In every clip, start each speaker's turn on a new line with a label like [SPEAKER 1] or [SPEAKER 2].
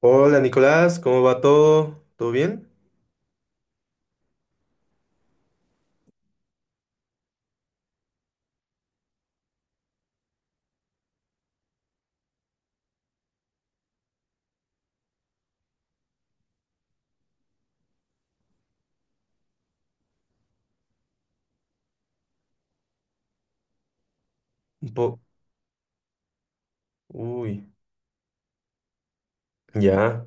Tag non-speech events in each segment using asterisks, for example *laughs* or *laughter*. [SPEAKER 1] Hola Nicolás, ¿cómo va todo? ¿Todo bien? Un po- Uy, ya,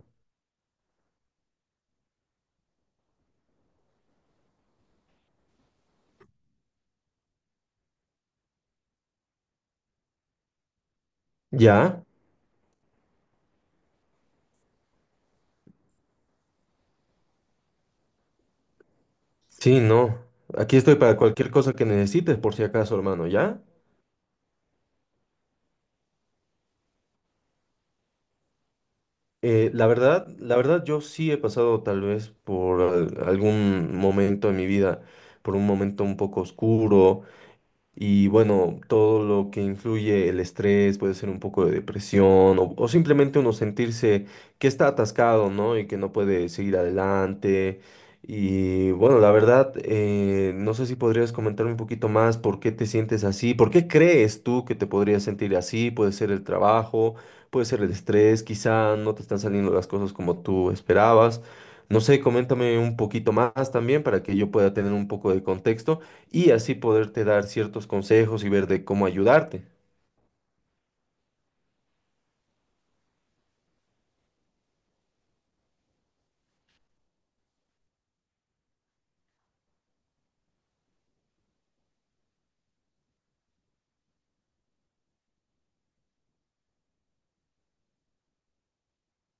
[SPEAKER 1] ya. Sí, no. Aquí estoy para cualquier cosa que necesites, por si acaso, hermano, ¿ya? La verdad, yo sí he pasado tal vez por algún momento en mi vida, por un momento un poco oscuro. Y bueno, todo lo que influye el estrés, puede ser un poco de depresión o simplemente uno sentirse que está atascado, ¿no? Y que no puede seguir adelante. Y bueno, la verdad, no sé si podrías comentarme un poquito más por qué te sientes así, por qué crees tú que te podrías sentir así. Puede ser el trabajo, puede ser el estrés, quizá no te están saliendo las cosas como tú esperabas. No sé, coméntame un poquito más también para que yo pueda tener un poco de contexto y así poderte dar ciertos consejos y ver de cómo ayudarte.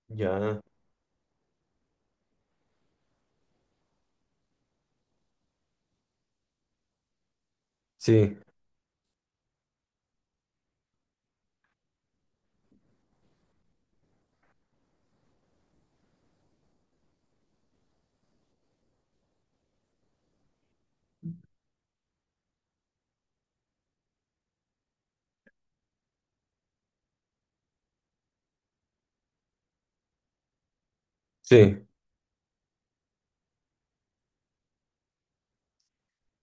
[SPEAKER 1] Ya. Sí, sí.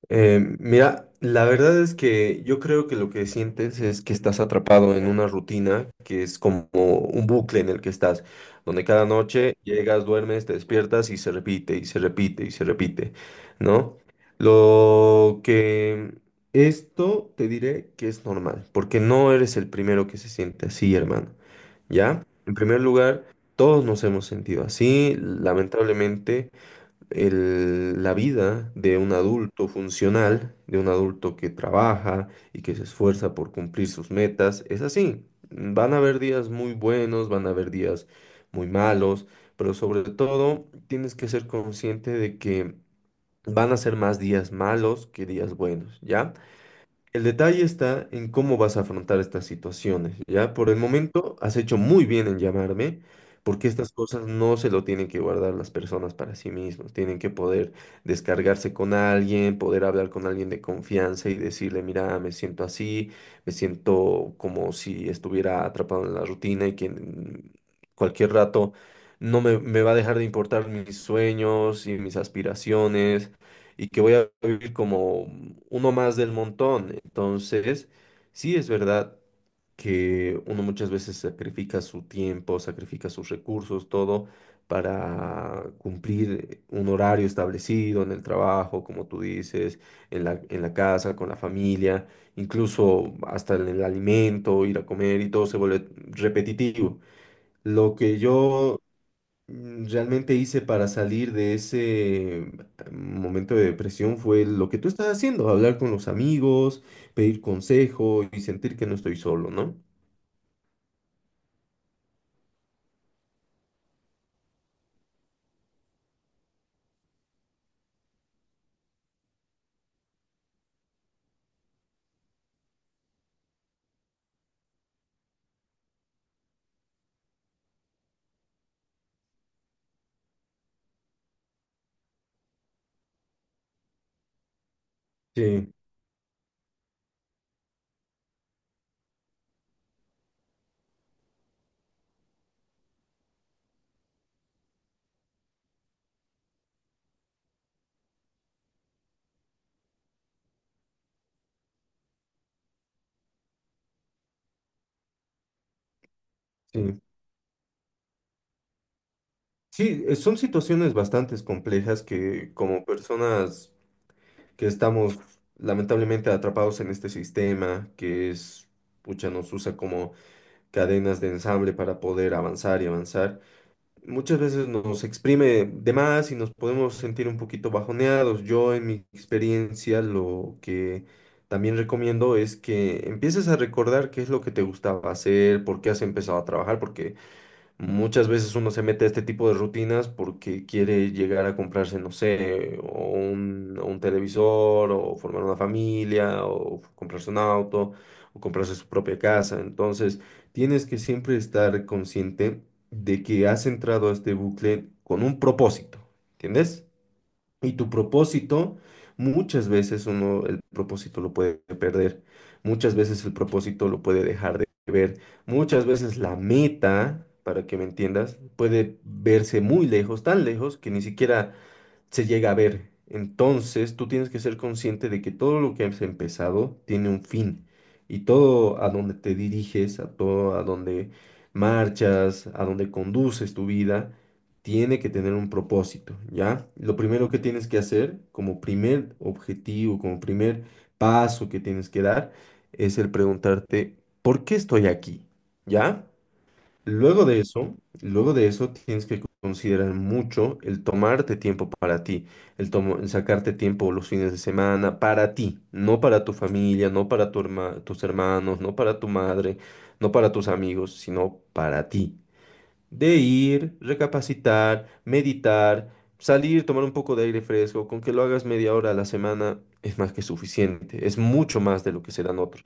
[SPEAKER 1] Mira, la verdad es que yo creo que lo que sientes es que estás atrapado en una rutina que es como un bucle en el que estás, donde cada noche llegas, duermes, te despiertas y se repite y se repite y se repite, ¿no? Lo que esto te diré que es normal, porque no eres el primero que se siente así, hermano, ¿ya? En primer lugar, todos nos hemos sentido así. Lamentablemente la vida de un adulto funcional, de un adulto que trabaja y que se esfuerza por cumplir sus metas, es así. Van a haber días muy buenos, van a haber días muy malos, pero sobre todo tienes que ser consciente de que van a ser más días malos que días buenos, ¿ya? El detalle está en cómo vas a afrontar estas situaciones, ¿ya? Por el momento has hecho muy bien en llamarme, porque estas cosas no se lo tienen que guardar las personas para sí mismos, tienen que poder descargarse con alguien, poder hablar con alguien de confianza y decirle, mira, me siento así, me siento como si estuviera atrapado en la rutina y que en cualquier rato no me va a dejar de importar mis sueños y mis aspiraciones y que voy a vivir como uno más del montón. Entonces, sí es verdad que uno muchas veces sacrifica su tiempo, sacrifica sus recursos, todo para cumplir un horario establecido en el trabajo, como tú dices, en la casa, con la familia, incluso hasta en el alimento, ir a comer y todo se vuelve repetitivo. Lo que yo realmente hice para salir de ese momento de depresión fue lo que tú estás haciendo, hablar con los amigos, pedir consejo y sentir que no estoy solo, ¿no? Sí, sí. Sí, son situaciones bastante complejas que como personas que estamos lamentablemente atrapados en este sistema que es, pucha, nos usa como cadenas de ensamble para poder avanzar y avanzar muchas veces nos exprime de más y nos podemos sentir un poquito bajoneados. Yo en mi experiencia lo que también recomiendo es que empieces a recordar qué es lo que te gustaba hacer, por qué has empezado a trabajar, porque muchas veces uno se mete a este tipo de rutinas porque quiere llegar a comprarse, no sé, o un televisor, o formar una familia, o comprarse un auto, o comprarse su propia casa. Entonces, tienes que siempre estar consciente de que has entrado a este bucle con un propósito, ¿entiendes? Y tu propósito, muchas veces uno el propósito lo puede perder, muchas veces el propósito lo puede dejar de ver, muchas veces la meta, para que me entiendas, puede verse muy lejos, tan lejos que ni siquiera se llega a ver. Entonces, tú tienes que ser consciente de que todo lo que has empezado tiene un fin y todo a donde te diriges, a todo a donde marchas, a donde conduces tu vida, tiene que tener un propósito, ¿ya? Lo primero que tienes que hacer como primer objetivo, como primer paso que tienes que dar, es el preguntarte, ¿por qué estoy aquí? ¿Ya? Luego de eso tienes que considerar mucho el tomarte tiempo para ti, el sacarte tiempo los fines de semana para ti, no para tu familia, no para tu tus hermanos, no para tu madre, no para tus amigos, sino para ti. De ir, recapacitar, meditar, salir, tomar un poco de aire fresco, con que lo hagas media hora a la semana es más que suficiente, es mucho más de lo que se dan otros.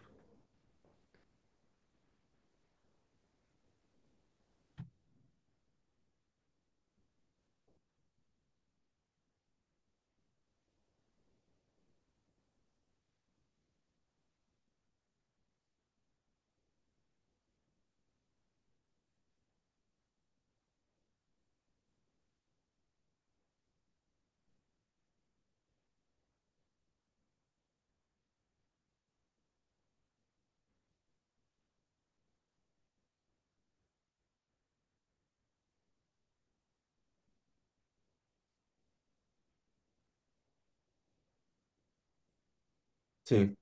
[SPEAKER 1] Sí.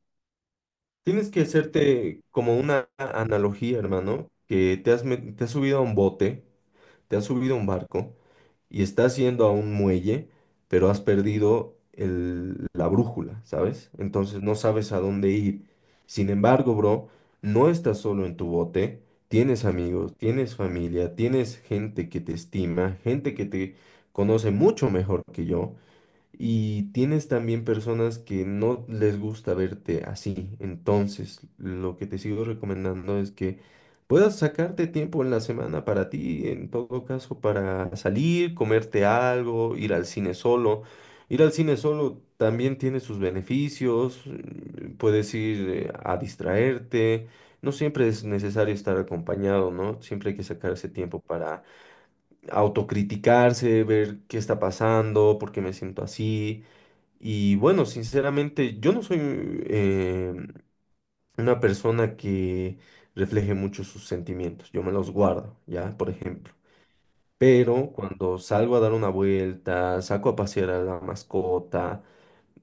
[SPEAKER 1] Tienes que hacerte como una analogía, hermano, que te has subido a un bote, te has subido a un barco y estás yendo a un muelle, pero has perdido la brújula, ¿sabes? Entonces no sabes a dónde ir. Sin embargo, bro, no estás solo en tu bote, tienes amigos, tienes familia, tienes gente que te estima, gente que te conoce mucho mejor que yo. Y tienes también personas que no les gusta verte así. Entonces, lo que te sigo recomendando es que puedas sacarte tiempo en la semana para ti, en todo caso, para salir, comerte algo, ir al cine solo. Ir al cine solo también tiene sus beneficios. Puedes ir a distraerte. No siempre es necesario estar acompañado, ¿no? Siempre hay que sacarse tiempo para autocriticarse, ver qué está pasando, por qué me siento así y bueno, sinceramente, yo no soy una persona que refleje mucho sus sentimientos. Yo me los guardo, ¿ya? Por ejemplo. Pero cuando salgo a dar una vuelta, saco a pasear a la mascota,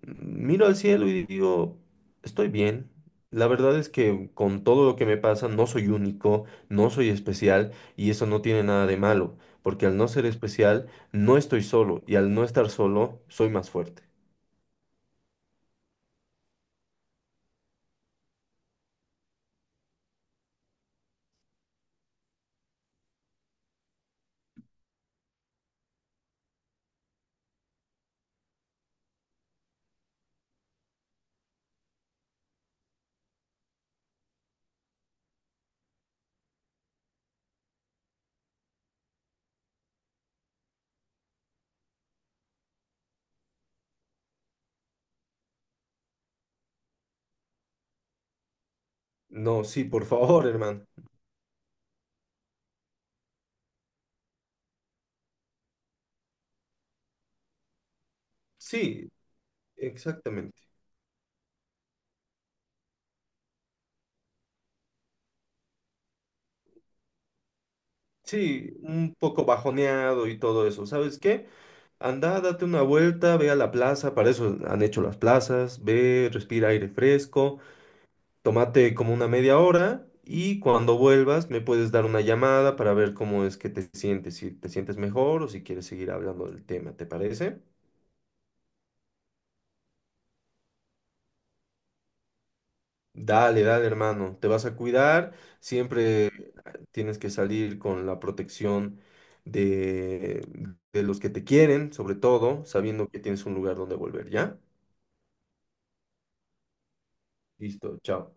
[SPEAKER 1] miro al cielo y digo, estoy bien. La verdad es que con todo lo que me pasa, no soy único, no soy especial y eso no tiene nada de malo, porque al no ser especial, no estoy solo y al no estar solo, soy más fuerte. No, sí, por favor, *laughs* hermano. Sí, exactamente. Sí, un poco bajoneado y todo eso. ¿Sabes qué? Anda, date una vuelta, ve a la plaza, para eso han hecho las plazas, ve, respira aire fresco, tómate como una media hora y cuando vuelvas me puedes dar una llamada para ver cómo es que te sientes, si te sientes mejor o si quieres seguir hablando del tema, ¿te parece? Dale, dale, hermano. Te vas a cuidar. Siempre tienes que salir con la protección de, de los que te quieren, sobre todo, sabiendo que tienes un lugar donde volver, ¿ya? Listo, chao.